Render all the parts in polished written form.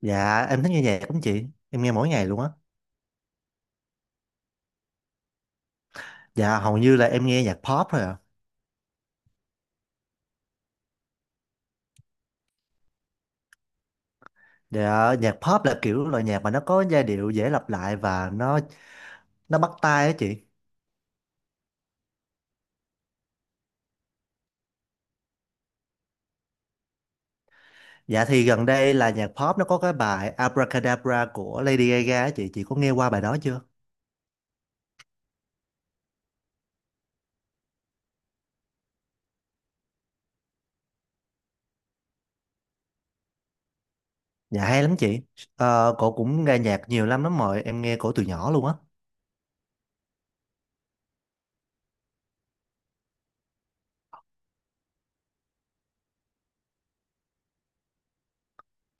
Dạ em thích nghe nhạc lắm chị. Em nghe mỗi ngày luôn á. Dạ hầu như là em nghe nhạc pop thôi à. Dạ nhạc pop là kiểu loại nhạc mà nó có giai điệu dễ lặp lại và nó bắt tai á chị. Dạ thì gần đây là nhạc pop nó có cái bài Abracadabra của Lady Gaga á chị. Chị có nghe qua bài đó chưa? Dạ hay lắm chị. Cổ cũng nghe nhạc nhiều lắm lắm rồi, em nghe cổ từ nhỏ luôn á.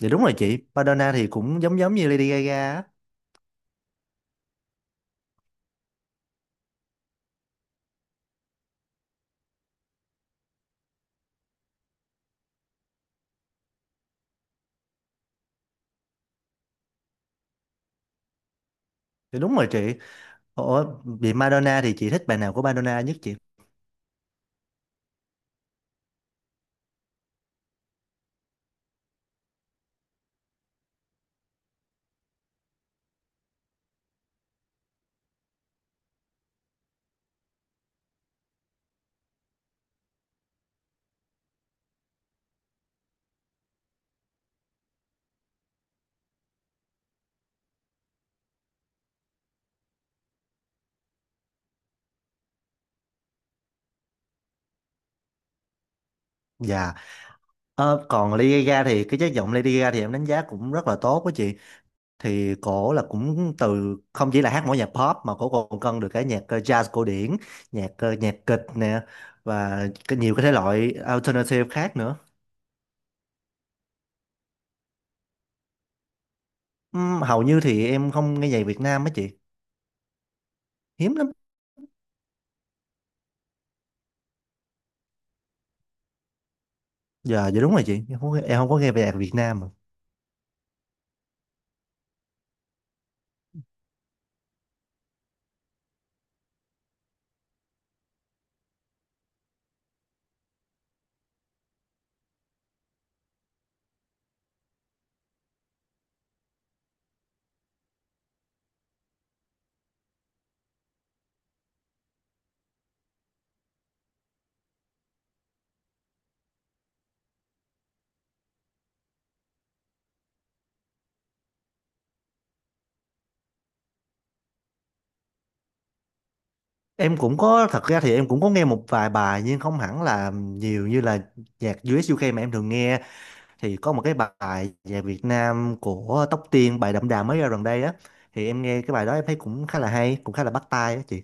Dạ đúng rồi chị, Madonna thì cũng giống giống như Lady Gaga á. Dạ đúng rồi chị. Ủa, vì Madonna thì chị thích bài nào của Madonna nhất chị? Dạ. Còn Lady Gaga thì cái chất giọng Lady Gaga thì em đánh giá cũng rất là tốt. Với chị thì cổ là cũng từ không chỉ là hát mỗi nhạc pop mà cổ còn cân được cái nhạc jazz cổ điển, nhạc nhạc kịch nè, và cái nhiều cái thể loại alternative khác nữa. Hầu như thì em không nghe nhạc Việt Nam á chị, hiếm lắm. Giờ dạ, đúng rồi chị, em không có nghe về nhạc Việt Nam mà. Em cũng có, thật ra thì em cũng có nghe một vài bài nhưng không hẳn là nhiều như là nhạc US UK mà em thường nghe. Thì có một cái bài về Việt Nam của Tóc Tiên, bài Đậm Đà mới ra gần đây á, thì em nghe cái bài đó em thấy cũng khá là hay, cũng khá là bắt tai á chị.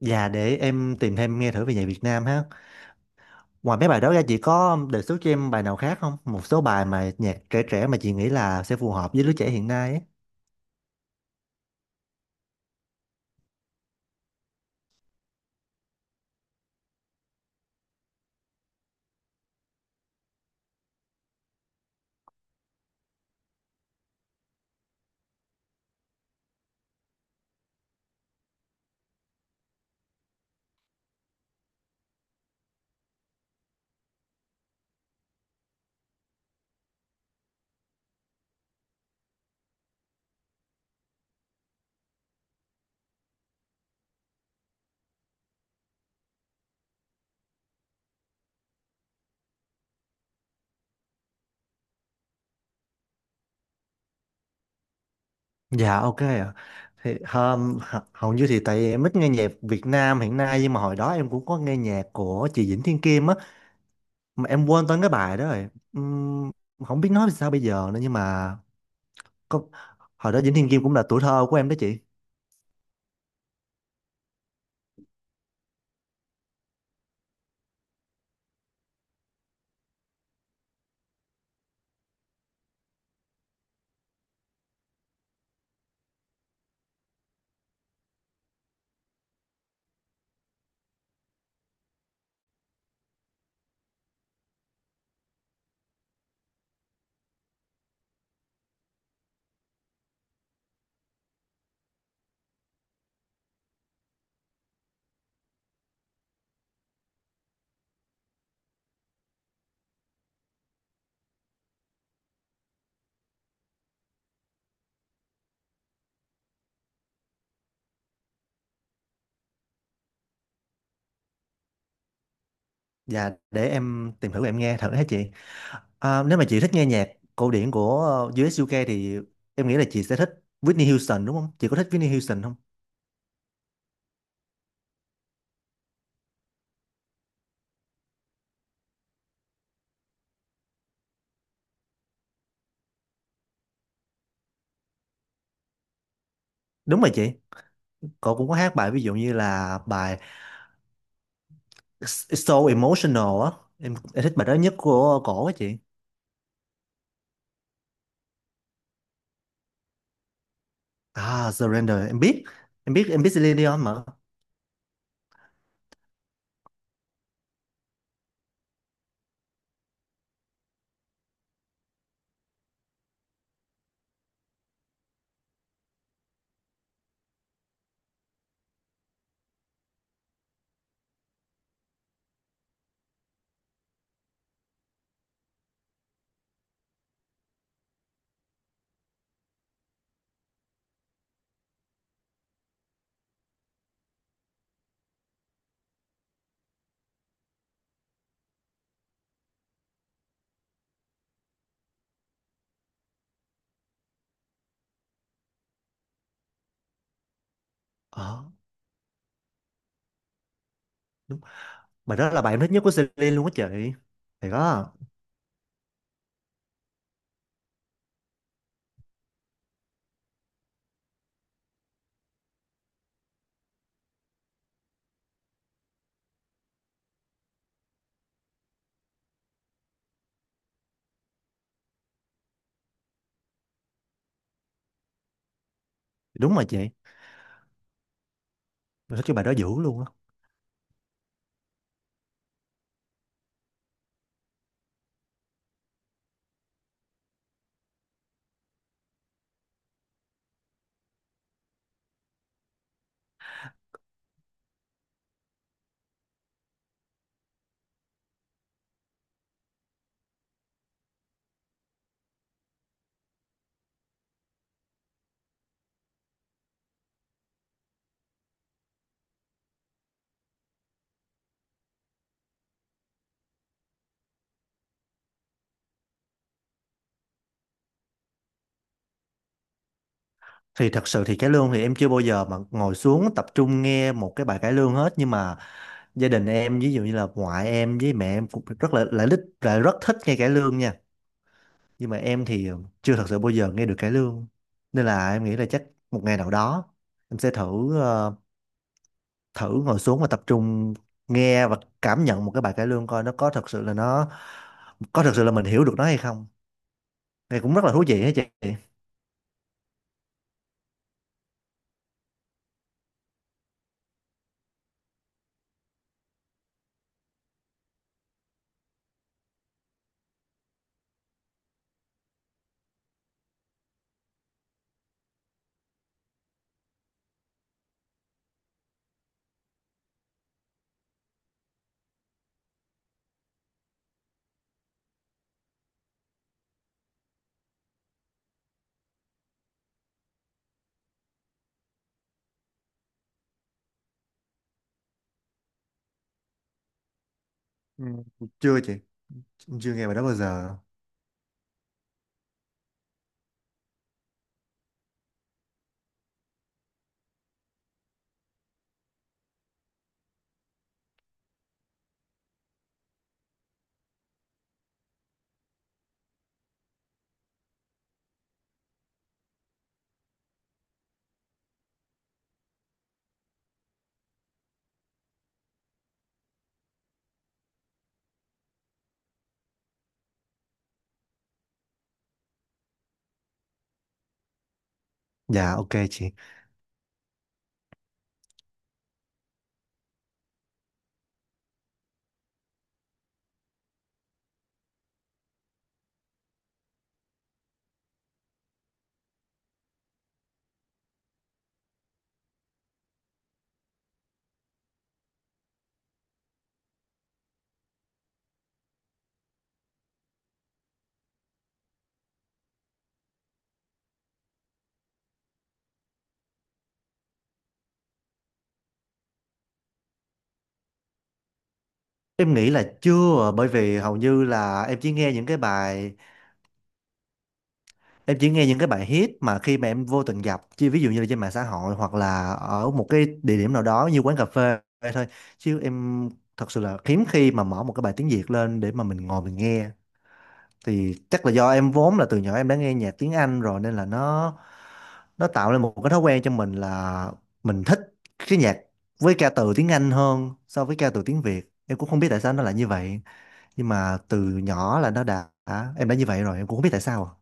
Và để em tìm thêm nghe thử về nhạc Việt Nam ha. Ngoài mấy bài đó ra chị có đề xuất cho em bài nào khác không, một số bài mà nhạc trẻ trẻ mà chị nghĩ là sẽ phù hợp với lứa trẻ hiện nay á? Dạ ok ạ. Hầu như thì tại em ít nghe nhạc Việt Nam hiện nay, nhưng mà hồi đó em cũng có nghe nhạc của chị Vĩnh Thiên Kim á, mà em quên tên cái bài đó rồi. Ừm, không biết nói sao bây giờ nữa, nhưng mà có, hồi đó Vĩnh Thiên Kim cũng là tuổi thơ của em đó chị. Và để em tìm thử, em nghe thử hả chị. À, nếu mà chị thích nghe nhạc cổ điển của US UK thì em nghĩ là chị sẽ thích Whitney Houston đúng không? Chị có thích Whitney Houston không? Đúng rồi chị. Cô cũng có hát bài ví dụ như là bài It's So Emotional á. Em thích bài đó nhất của cổ á chị. À, Surrender em biết. Em biết, em biết Celine Dion mà. Ờ đúng. Bài đó là bài em thích nhất của Celine luôn á chị. Thì đó. Đúng rồi chị. Em thích cái bài đó dữ luôn á. Thì thật sự thì cải lương thì em chưa bao giờ mà ngồi xuống tập trung nghe một cái bài cải lương hết, nhưng mà gia đình em ví dụ như là ngoại em với mẹ em cũng rất là lại thích, lại rất thích nghe cải lương nha. Nhưng mà em thì chưa thật sự bao giờ nghe được cải lương, nên là em nghĩ là chắc một ngày nào đó em sẽ thử thử ngồi xuống và tập trung nghe và cảm nhận một cái bài cải lương coi nó có thật sự là nó, có thật sự là mình hiểu được nó hay không, thì cũng rất là thú vị hả chị. Ừ. Chưa chị, em chưa nghe bài đó bao giờ. Dạ ok chị. Em nghĩ là chưa, bởi vì hầu như là em chỉ nghe những cái bài, em chỉ nghe những cái bài hit mà khi mà em vô tình gặp, chứ ví dụ như là trên mạng xã hội hoặc là ở một cái địa điểm nào đó như quán cà phê thôi, chứ em thật sự là hiếm khi mà mở một cái bài tiếng Việt lên để mà mình ngồi mình nghe. Thì chắc là do em vốn là từ nhỏ em đã nghe nhạc tiếng Anh rồi nên là nó tạo lên một cái thói quen cho mình là mình thích cái nhạc với ca từ tiếng Anh hơn so với ca từ tiếng Việt. Em cũng không biết tại sao nó lại như vậy, nhưng mà từ nhỏ là nó đã em đã như vậy rồi, em cũng không biết tại sao.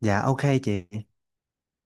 Dạ ok chị.